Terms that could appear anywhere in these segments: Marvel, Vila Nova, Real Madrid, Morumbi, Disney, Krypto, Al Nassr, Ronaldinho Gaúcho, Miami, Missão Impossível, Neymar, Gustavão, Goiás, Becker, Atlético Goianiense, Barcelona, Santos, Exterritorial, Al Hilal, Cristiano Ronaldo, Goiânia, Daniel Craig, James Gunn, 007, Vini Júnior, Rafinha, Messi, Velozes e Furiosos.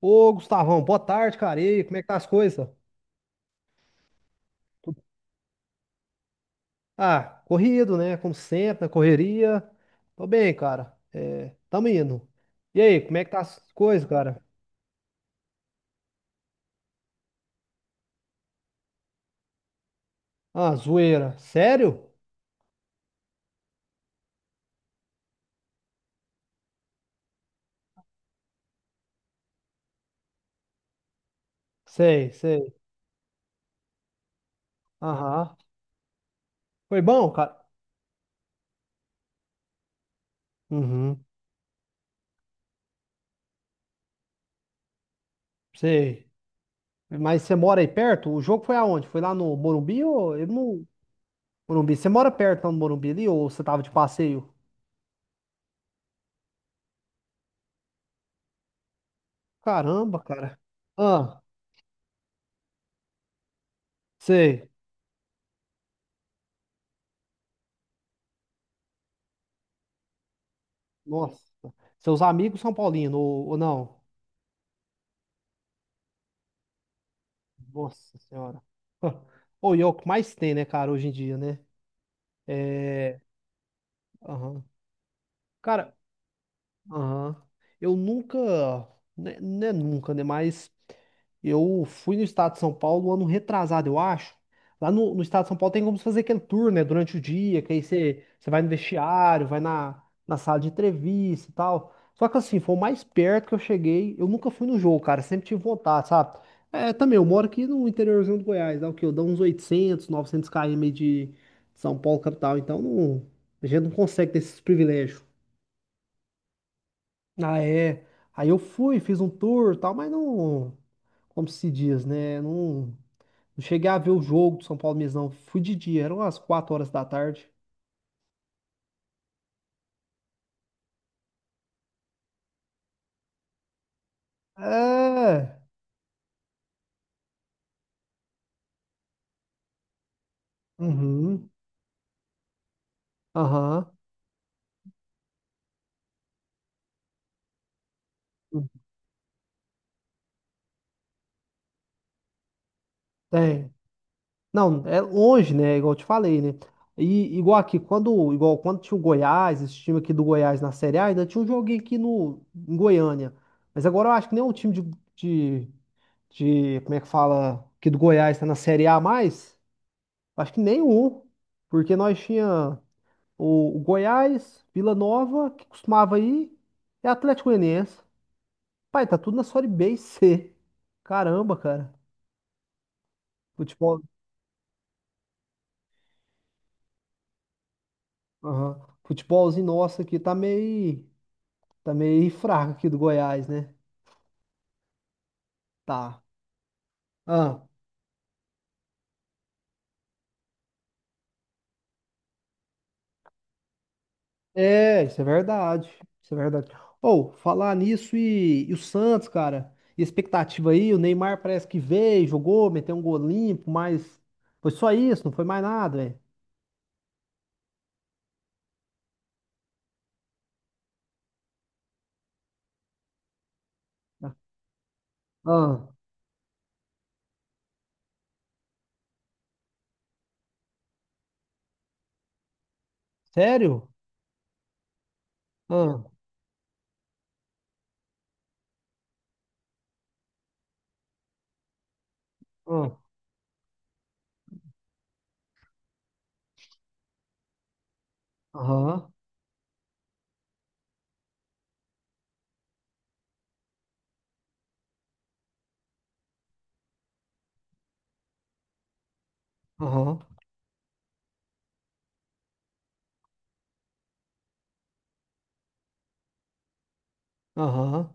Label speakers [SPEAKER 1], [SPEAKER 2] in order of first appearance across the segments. [SPEAKER 1] Ô, Gustavão, boa tarde, cara. E aí, como é que tá as coisas? Ah, corrido, né? Como sempre, na correria. Tô bem, cara. É, tamo indo. E aí, como é que tá as coisas, cara? Ah, zoeira. Sério? Sei, sei. Aham. Foi bom, cara? Uhum, sei. Mas você mora aí perto? O jogo foi aonde? Foi lá no Morumbi ou... eu não... Morumbi. Você mora perto lá no Morumbi ali ou você tava de passeio? Caramba, cara. Ah, sei. Nossa. Seus amigos são paulinos ou não? Nossa senhora. Ou e é o que mais tem, né, cara, hoje em dia, né? É. Aham. Cara, aham. Eu nunca, né, não é nunca, né? Mas eu fui no estado de São Paulo ano retrasado, eu acho. Lá no, no estado de São Paulo tem como você fazer aquele tour, né? Durante o dia, que aí você, você vai no vestiário, vai na, na sala de entrevista e tal. Só que assim, foi o mais perto que eu cheguei. Eu nunca fui no jogo, cara. Sempre tive vontade, sabe? É, também, eu moro aqui no interiorzinho do Goiás, dá o quê? Eu dou uns 800, 900 km de São Paulo, capital. Então, não, a gente não consegue ter esses privilégios. Ah, é. Aí eu fui, fiz um tour e tal, mas não. Como se diz, né? Não, não cheguei a ver o jogo do São Paulo mesmo, não. Fui de dia, eram as 4 horas da tarde. É. Uhum. Aham. Tem. Não, é longe, né? Igual eu te falei, né? E igual aqui, quando, igual quando tinha o Goiás, esse time aqui do Goiás na Série A, ainda tinha um joguinho aqui no, em Goiânia. Mas agora eu acho que nem nenhum time de, como é que fala, aqui do Goiás tá na Série A mais. Acho que nenhum, porque nós tinha o Goiás, Vila Nova, que costumava ir, e Atlético Goianiense. Pai, tá tudo na Série B e C. Caramba, cara. Futebol, aham. Futebolzinho nosso aqui tá meio fraco aqui do Goiás, né? Tá. Ah, é, isso é verdade. Isso é verdade. Ou, falar nisso e o Santos, cara, e a expectativa aí, o Neymar parece que veio, jogou, meteu um gol limpo, mas foi só isso, não foi mais nada, velho. Ah, ah, sério? Ah, ah, aham, aham, aham.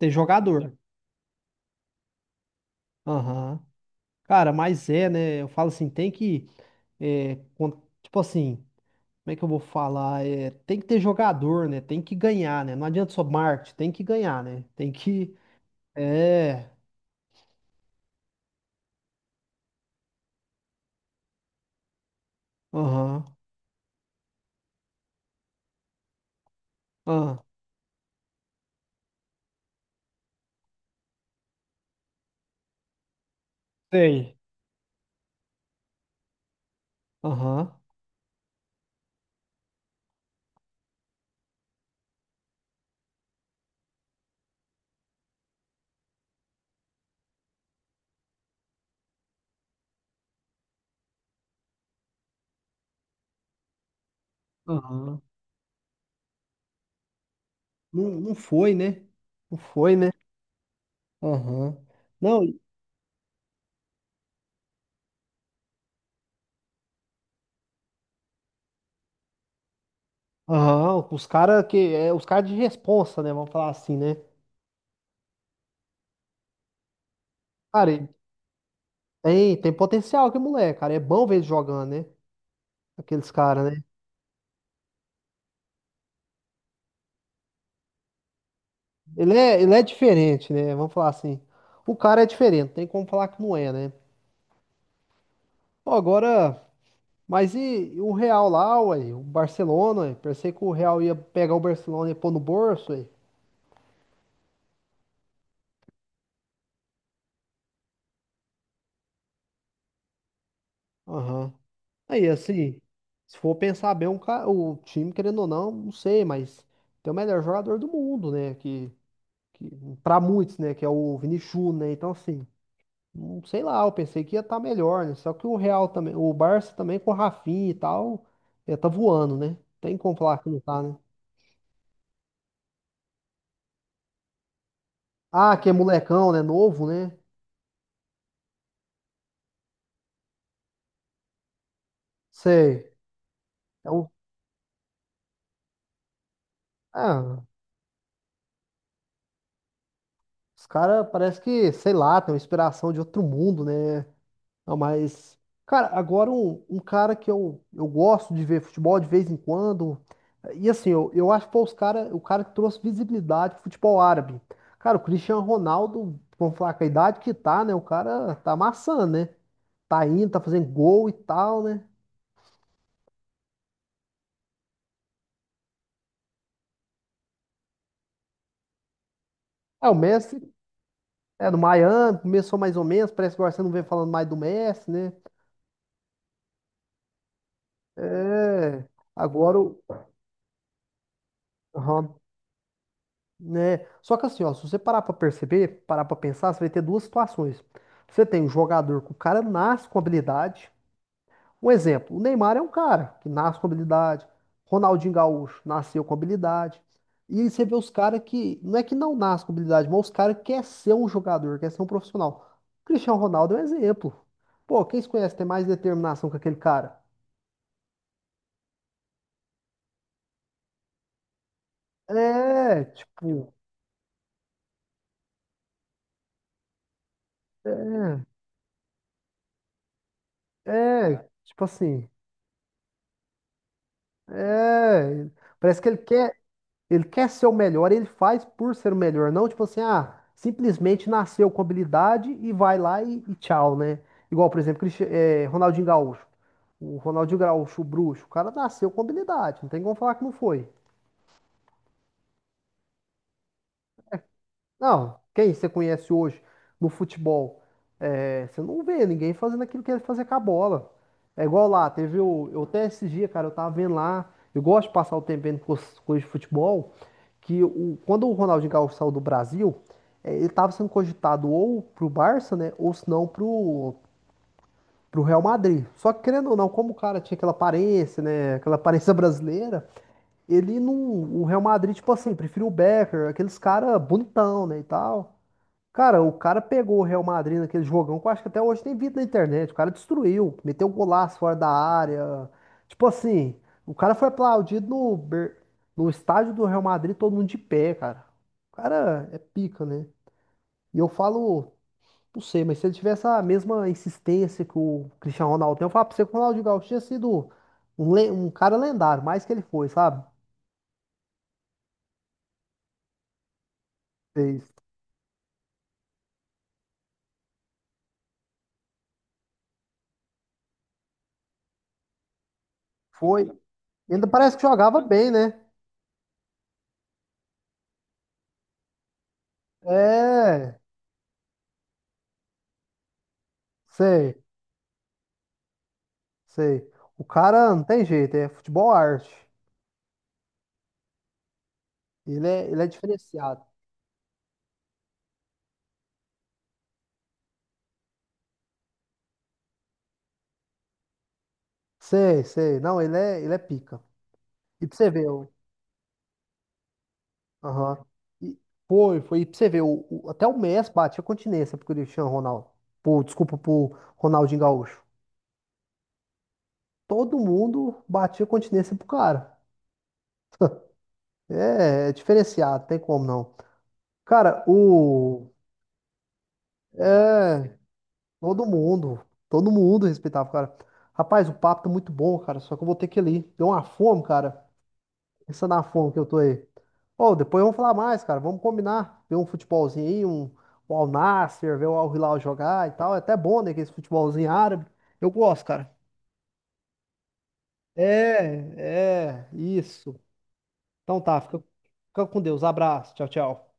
[SPEAKER 1] Tem jogador. Aham. Cara, mas é, né? Eu falo assim, tem que. É, tipo assim, como é que eu vou falar? É, tem que ter jogador, né? Tem que ganhar, né? Não adianta só marketing, tem que ganhar, né? Tem que. É. Aham. Ah, sei. Aham. Aham. Não, não foi, né? Não foi, né? Aham. Não. Aham, os caras que. É, os caras de responsa, né? Vamos falar assim, né? Cara, tem, tem potencial que moleque, cara. É bom ver ele jogando, né? Aqueles caras, né? Ele é diferente, né? Vamos falar assim. O cara é diferente, não tem como falar que não é, né? Pô, agora. Mas e o Real lá, ué? O Barcelona, ué? Pensei que o Real ia pegar o Barcelona e pôr no bolso, ué. Aham. Aí, assim, se for pensar bem, um o time, querendo ou não, não sei, mas tem o melhor jogador do mundo, né? Que para muitos, né, que é o Vini Júnior, né? Então assim, não sei lá, eu pensei que ia estar melhor, né? Só que o Real também, o Barça também com o Rafinha e tal, ia tá voando, né? Tem como falar que não tá, né? Ah, que é molecão, né? Novo, né? Sei. É um- ah, os caras parece que, sei lá, tem uma inspiração de outro mundo, né? Não, mas, cara, agora um cara que eu gosto de ver futebol de vez em quando. E assim, eu acho que foi os cara, o cara que trouxe visibilidade pro futebol árabe. Cara, o Cristiano Ronaldo, vamos falar com a idade que tá, né? O cara tá amassando, né? Tá indo, tá fazendo gol e tal, né? É, o Messi é do Miami, começou mais ou menos, parece que agora você não vem falando mais do Messi, né? É, agora o. Aham. Né? Só que assim, ó, se você parar pra perceber, parar pra pensar, você vai ter duas situações. Você tem um jogador que o cara nasce com habilidade. Um exemplo, o Neymar é um cara que nasce com habilidade. Ronaldinho Gaúcho nasceu com habilidade. E aí você vê os caras que, não é que não nasce com habilidade, mas os caras querem ser um jogador, quer ser um profissional. O Cristiano Ronaldo é um exemplo. Pô, quem se conhece tem mais determinação que aquele cara? É, tipo, é, é, tipo assim, é, parece que ele quer. Ele quer ser o melhor, ele faz por ser o melhor, não tipo assim, ah, simplesmente nasceu com habilidade e vai lá e tchau, né? Igual, por exemplo, Ronaldinho Gaúcho. O Ronaldinho Gaúcho, o bruxo, o cara nasceu com habilidade, não tem como falar que não foi. Não, quem você conhece hoje no futebol? É, você não vê ninguém fazendo aquilo que ele fazia com a bola. É igual lá, teve o. Eu até esses dias, cara, eu tava vendo lá. Eu gosto de passar o tempo vendo coisa de futebol. Que o, quando o Ronaldinho Gaúcho saiu do Brasil, é, ele tava sendo cogitado ou pro Barça, né? Ou se não pro, pro Real Madrid. Só que querendo ou não, como o cara tinha aquela aparência, né? Aquela aparência brasileira, ele não. O Real Madrid, tipo assim, preferiu o Becker, aqueles caras bonitão, né? E tal. Cara, o cara pegou o Real Madrid naquele jogão que eu acho que até hoje tem vídeo na internet. O cara destruiu, meteu um golaço fora da área. Tipo assim, o cara foi aplaudido no, no estádio do Real Madrid, todo mundo de pé, cara. O cara é pica, né? E eu falo, não sei, mas se ele tivesse a mesma insistência que o Cristiano Ronaldo tem, eu falo pra você que o Ronaldinho Gaúcho tinha sido um, um cara lendário, mais que ele foi, sabe? Fez. Foi. Ainda parece que jogava bem, né? É, sei. Sei. O cara não tem jeito, é futebol arte. Ele é diferenciado. Sei, sei. Não, ele é pica. E pra você ver, o- aham. E foi, foi. E pra você ver, o, até o Messi batia continência pro Cristiano Ronaldo. Pô, desculpa, pro Ronaldinho Gaúcho. Todo mundo batia continência pro cara. É, é diferenciado, tem como não. Cara, o. Todo mundo, todo mundo respeitava, cara. Rapaz, o papo tá muito bom, cara. Só que eu vou ter que ir ali. Deu uma fome, cara. Pensa na fome que eu tô aí. Ô, depois vamos falar mais, cara. Vamos combinar. Ver um futebolzinho aí, um Al Nassr, ver o Al Hilal jogar e tal. É até bom, né? Que esse futebolzinho árabe. Eu gosto, cara. É, é, isso. Então tá, fica, fica com Deus. Abraço. Tchau, tchau.